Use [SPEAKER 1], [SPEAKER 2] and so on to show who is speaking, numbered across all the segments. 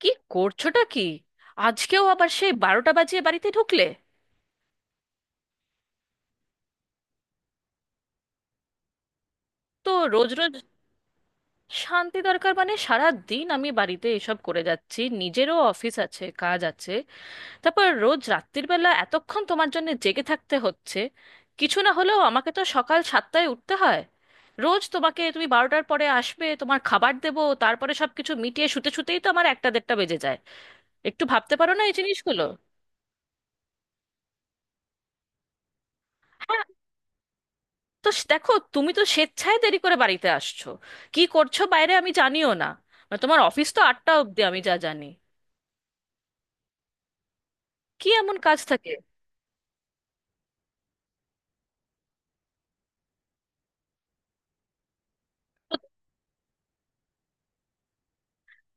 [SPEAKER 1] কি করছোটা কি? আজকেও আবার সেই বারোটা বাজিয়ে বাড়িতে ঢুকলে? তো রোজ রোজ? শান্তি দরকার মানে সারা দিন আমি বাড়িতে এসব করে যাচ্ছি, নিজেরও অফিস আছে, কাজ আছে। তারপর রোজ রাত্রির বেলা এতক্ষণ তোমার জন্য জেগে থাকতে হচ্ছে। কিছু না হলেও আমাকে তো সকাল 7টায় উঠতে হয়। রোজ তোমাকে, তুমি 12টার পরে আসবে, তোমার খাবার দেবো, তারপরে সবকিছু মিটিয়ে শুতে শুতেই তো আমার একটা দেড়টা বেজে যায়। একটু ভাবতে পারো না এই জিনিসগুলো? হ্যাঁ, তো দেখো, তুমি তো স্বেচ্ছায় দেরি করে বাড়িতে আসছো। কি করছো বাইরে আমি জানিও না। মানে তোমার অফিস তো 8টা অবধি আমি যা জানি। কি এমন কাজ থাকে?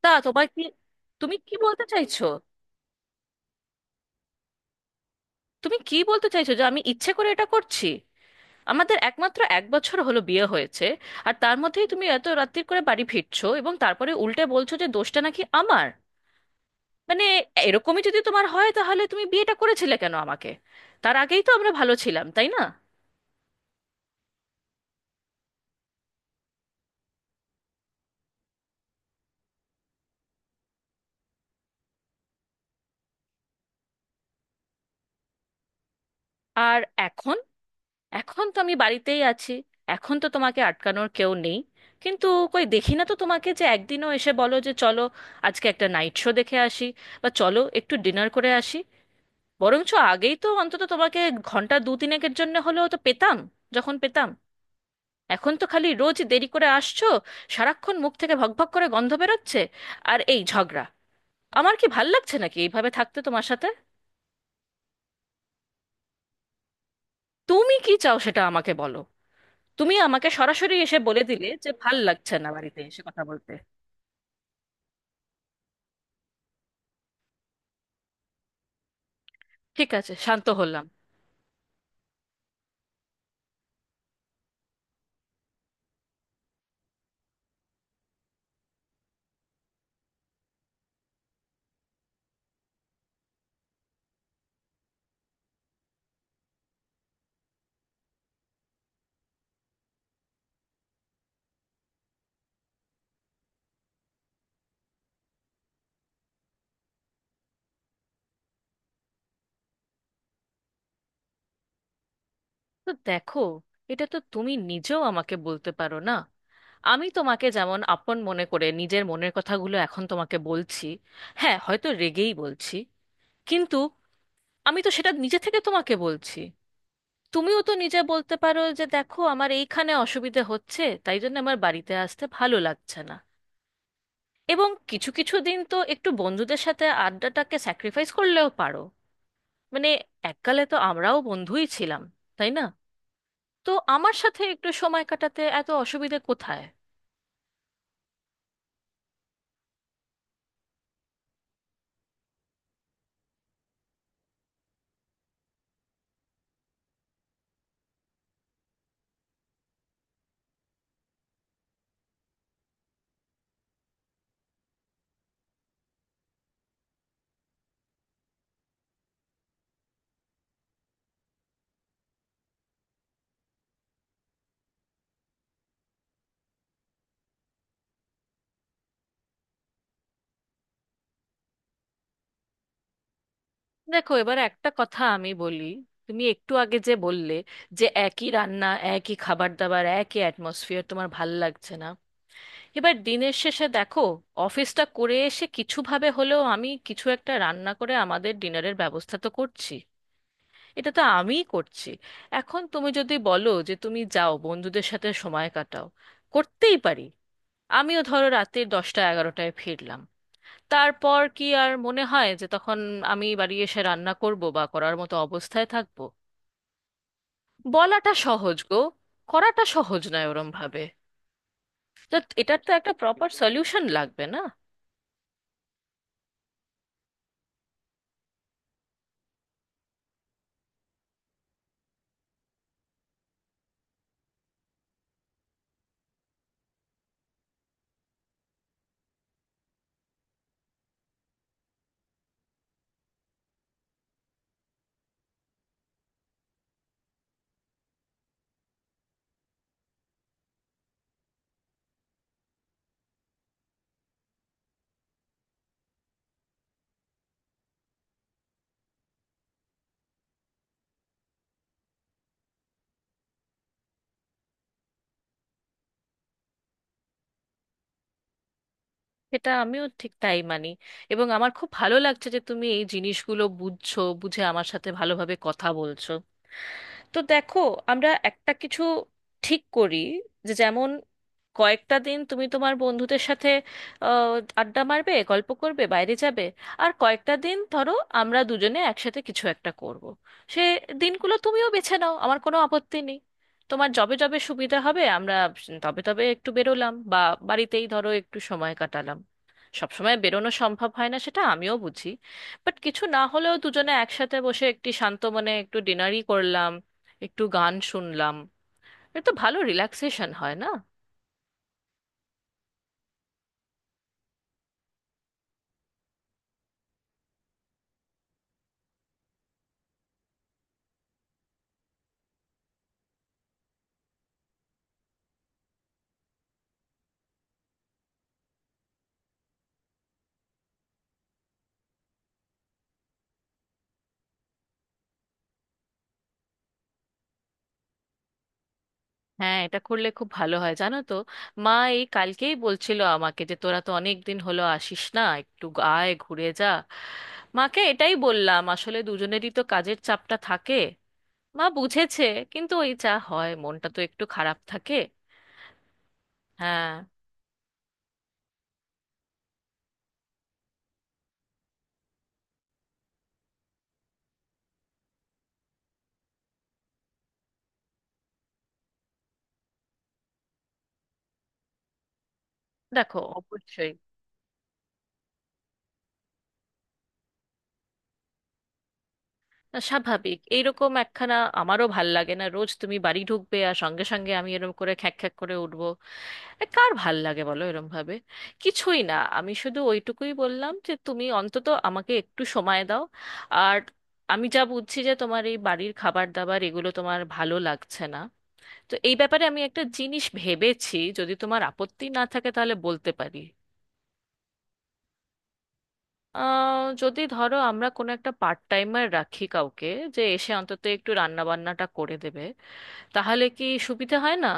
[SPEAKER 1] তা তোমার কি? তুমি কি বলতে চাইছো? তুমি কি বলতে চাইছো যে আমি ইচ্ছে করে এটা করছি? আমাদের একমাত্র 1 বছর হলো বিয়ে হয়েছে, আর তার মধ্যেই তুমি এত রাত্তির করে বাড়ি ফিরছো, এবং তারপরে উল্টে বলছো যে দোষটা নাকি আমার। মানে এরকমই যদি তোমার হয় তাহলে তুমি বিয়েটা করেছিলে কেন আমাকে? তার আগেই তো আমরা ভালো ছিলাম, তাই না? আর এখন, এখন তো আমি বাড়িতেই আছি। এখন তো তোমাকে আটকানোর কেউ নেই। কিন্তু কই দেখি না তো তোমাকে যে একদিনও এসে বলো যে চলো, আজকে একটা নাইট শো দেখে আসি, বা চলো একটু ডিনার করে আসি। বরঞ্চ আগেই তো অন্তত তোমাকে ঘন্টা দু তিনেকের জন্য হলেও তো পেতাম, যখন পেতাম। এখন তো খালি রোজ দেরি করে আসছো, সারাক্ষণ মুখ থেকে ভকভক করে গন্ধ বেরোচ্ছে, আর এই ঝগড়া। আমার কি ভাল লাগছে নাকি এইভাবে থাকতে তোমার সাথে? তুমি কি চাও সেটা আমাকে বলো। তুমি আমাকে সরাসরি এসে বলে দিলে যে ভাল লাগছে না বাড়িতে এসে কথা বলতে। ঠিক আছে, শান্ত হলাম। তো দেখো, এটা তো তুমি নিজেও আমাকে বলতে পারো না। আমি তোমাকে যেমন আপন মনে করে নিজের মনের কথাগুলো এখন তোমাকে বলছি, হ্যাঁ হয়তো রেগেই বলছি, কিন্তু আমি তো সেটা নিজে থেকে তোমাকে বলছি। তুমিও তো নিজে বলতে পারো যে দেখো আমার এইখানে অসুবিধে হচ্ছে, তাই জন্য আমার বাড়িতে আসতে ভালো লাগছে না। এবং কিছু কিছু দিন তো একটু বন্ধুদের সাথে আড্ডাটাকে স্যাক্রিফাইস করলেও পারো। মানে এককালে তো আমরাও বন্ধুই ছিলাম, তাই না? তো আমার সাথে একটু সময় কাটাতে এত অসুবিধে কোথায়? দেখো, এবার একটা কথা আমি বলি। তুমি একটু আগে যে বললে যে একই রান্না, একই খাবার দাবার, একই অ্যাটমসফিয়ার তোমার ভাল লাগছে না। এবার দিনের শেষে দেখো, অফিসটা করে এসে কিছু ভাবে হলেও আমি কিছু একটা রান্না করে আমাদের ডিনারের ব্যবস্থা তো করছি। এটা তো আমিই করছি। এখন তুমি যদি বলো যে তুমি যাও বন্ধুদের সাথে সময় কাটাও, করতেই পারি। আমিও ধরো রাতের 10টা 11টায় ফিরলাম, তারপর কি আর মনে হয় যে তখন আমি বাড়ি এসে রান্না করব বা করার মতো অবস্থায় থাকব? বলাটা সহজ গো, করাটা সহজ নয় ওরম ভাবে। তো এটার তো একটা প্রপার সলিউশন লাগবে না? এটা আমিও ঠিক তাই মানি, এবং আমার খুব ভালো লাগছে যে তুমি এই জিনিসগুলো বুঝছো, বুঝে আমার সাথে ভালোভাবে কথা বলছো। তো দেখো, আমরা একটা কিছু ঠিক করি, যে যেমন কয়েকটা দিন তুমি তোমার বন্ধুদের সাথে আহ, আড্ডা মারবে, গল্প করবে, বাইরে যাবে। আর কয়েকটা দিন ধরো আমরা দুজনে একসাথে কিছু একটা করব। সে দিনগুলো তুমিও বেছে নাও, আমার কোনো আপত্তি নেই। তোমার যবে যবে সুবিধা হবে আমরা তবে তবে একটু বেরোলাম, বা বাড়িতেই ধরো একটু সময় কাটালাম। সবসময় বেরোনো সম্ভব হয় না সেটা আমিও বুঝি। বাট কিছু না হলেও দুজনে একসাথে বসে একটি শান্ত মনে একটু ডিনারই করলাম, একটু গান শুনলাম। এটা তো ভালো রিল্যাক্সেশন হয় না? হ্যাঁ, এটা করলে খুব ভালো হয় জানো তো। মা এই কালকেই বলছিল আমাকে যে তোরা তো অনেক দিন হলো আসিস না, একটু আয় ঘুরে যা। মাকে এটাই বললাম, আসলে দুজনেরই তো কাজের চাপটা থাকে। মা বুঝেছে, কিন্তু ওই যা হয়, মনটা তো একটু খারাপ থাকে। হ্যাঁ। দেখো অবশ্যই। স্বাভাবিক এইরকম একখানা। আমারও ভাল লাগে না রোজ তুমি বাড়ি ঢুকবে আর সঙ্গে সঙ্গে আমি এরকম করে খ্যাঁক খ্যাঁক করে উঠবো। এ কার ভাল লাগে বলো এরম ভাবে? কিছুই না, আমি শুধু ওইটুকুই বললাম যে তুমি অন্তত আমাকে একটু সময় দাও। আর আমি যা বুঝছি যে তোমার এই বাড়ির খাবার দাবার এগুলো তোমার ভালো লাগছে না। তো এই ব্যাপারে আমি একটা জিনিস ভেবেছি, যদি তোমার আপত্তি না থাকে তাহলে বলতে পারি। যদি ধরো আমরা কোনো একটা পার্ট টাইমার রাখি কাউকে, যে এসে অন্তত একটু রান্না বান্নাটা করে দেবে, তাহলে কি সুবিধা হয় না?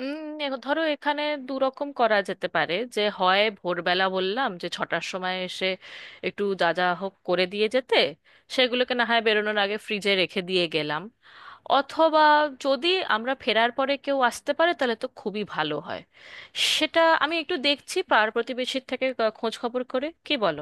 [SPEAKER 1] ধরো এখানে দু রকম করা যেতে পারে, যে হয় ভোরবেলা বললাম যে 6টার সময় এসে একটু যা যা হোক করে দিয়ে যেতে, সেগুলোকে না হয় বেরোনোর আগে ফ্রিজে রেখে দিয়ে গেলাম। অথবা যদি আমরা ফেরার পরে কেউ আসতে পারে, তাহলে তো খুবই ভালো হয়। সেটা আমি একটু দেখছি পাড়া প্রতিবেশীর থেকে খোঁজ খবর করে, কি বলো?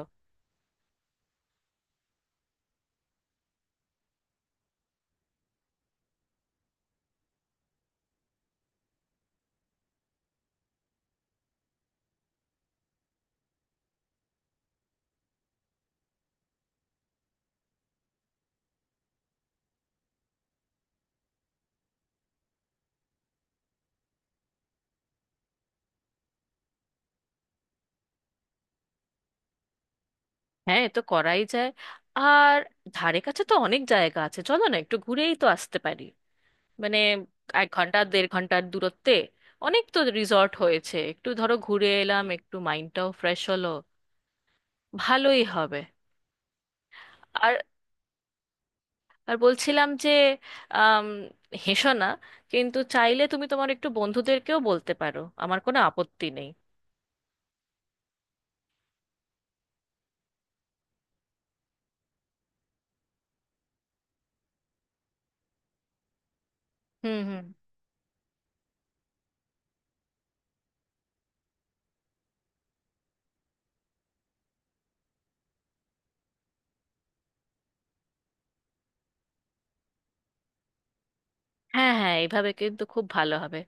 [SPEAKER 1] হ্যাঁ, এ তো করাই যায়। আর ধারে কাছে তো অনেক জায়গা আছে, চলো না একটু ঘুরেই তো আসতে পারি। মানে 1 ঘন্টা দেড় ঘন্টার দূরত্বে অনেক তো রিসর্ট হয়েছে, একটু ধরো ঘুরে এলাম, একটু মাইন্ডটাও ফ্রেশ হলো। ভালোই হবে। আর, আর বলছিলাম যে আম, হেসো না কিন্তু, চাইলে তুমি তোমার একটু বন্ধুদেরকেও বলতে পারো, আমার কোনো আপত্তি নেই। হুম, হুম। হ্যাঁ, হ্যাঁ, এইভাবে কিন্তু খুব ভালো হবে।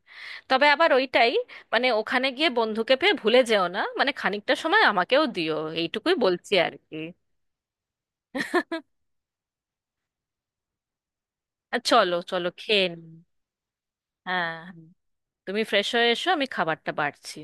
[SPEAKER 1] তবে আবার ওইটাই, মানে ওখানে গিয়ে বন্ধুকে পেয়ে ভুলে যেও না, মানে খানিকটা সময় আমাকেও দিও। এইটুকুই বলছি আর কি। আর চলো চলো খেয়ে নিই। হ্যাঁ, হ্যাঁ। তুমি ফ্রেশ হয়ে এসো, আমি খাবারটা বাড়ছি।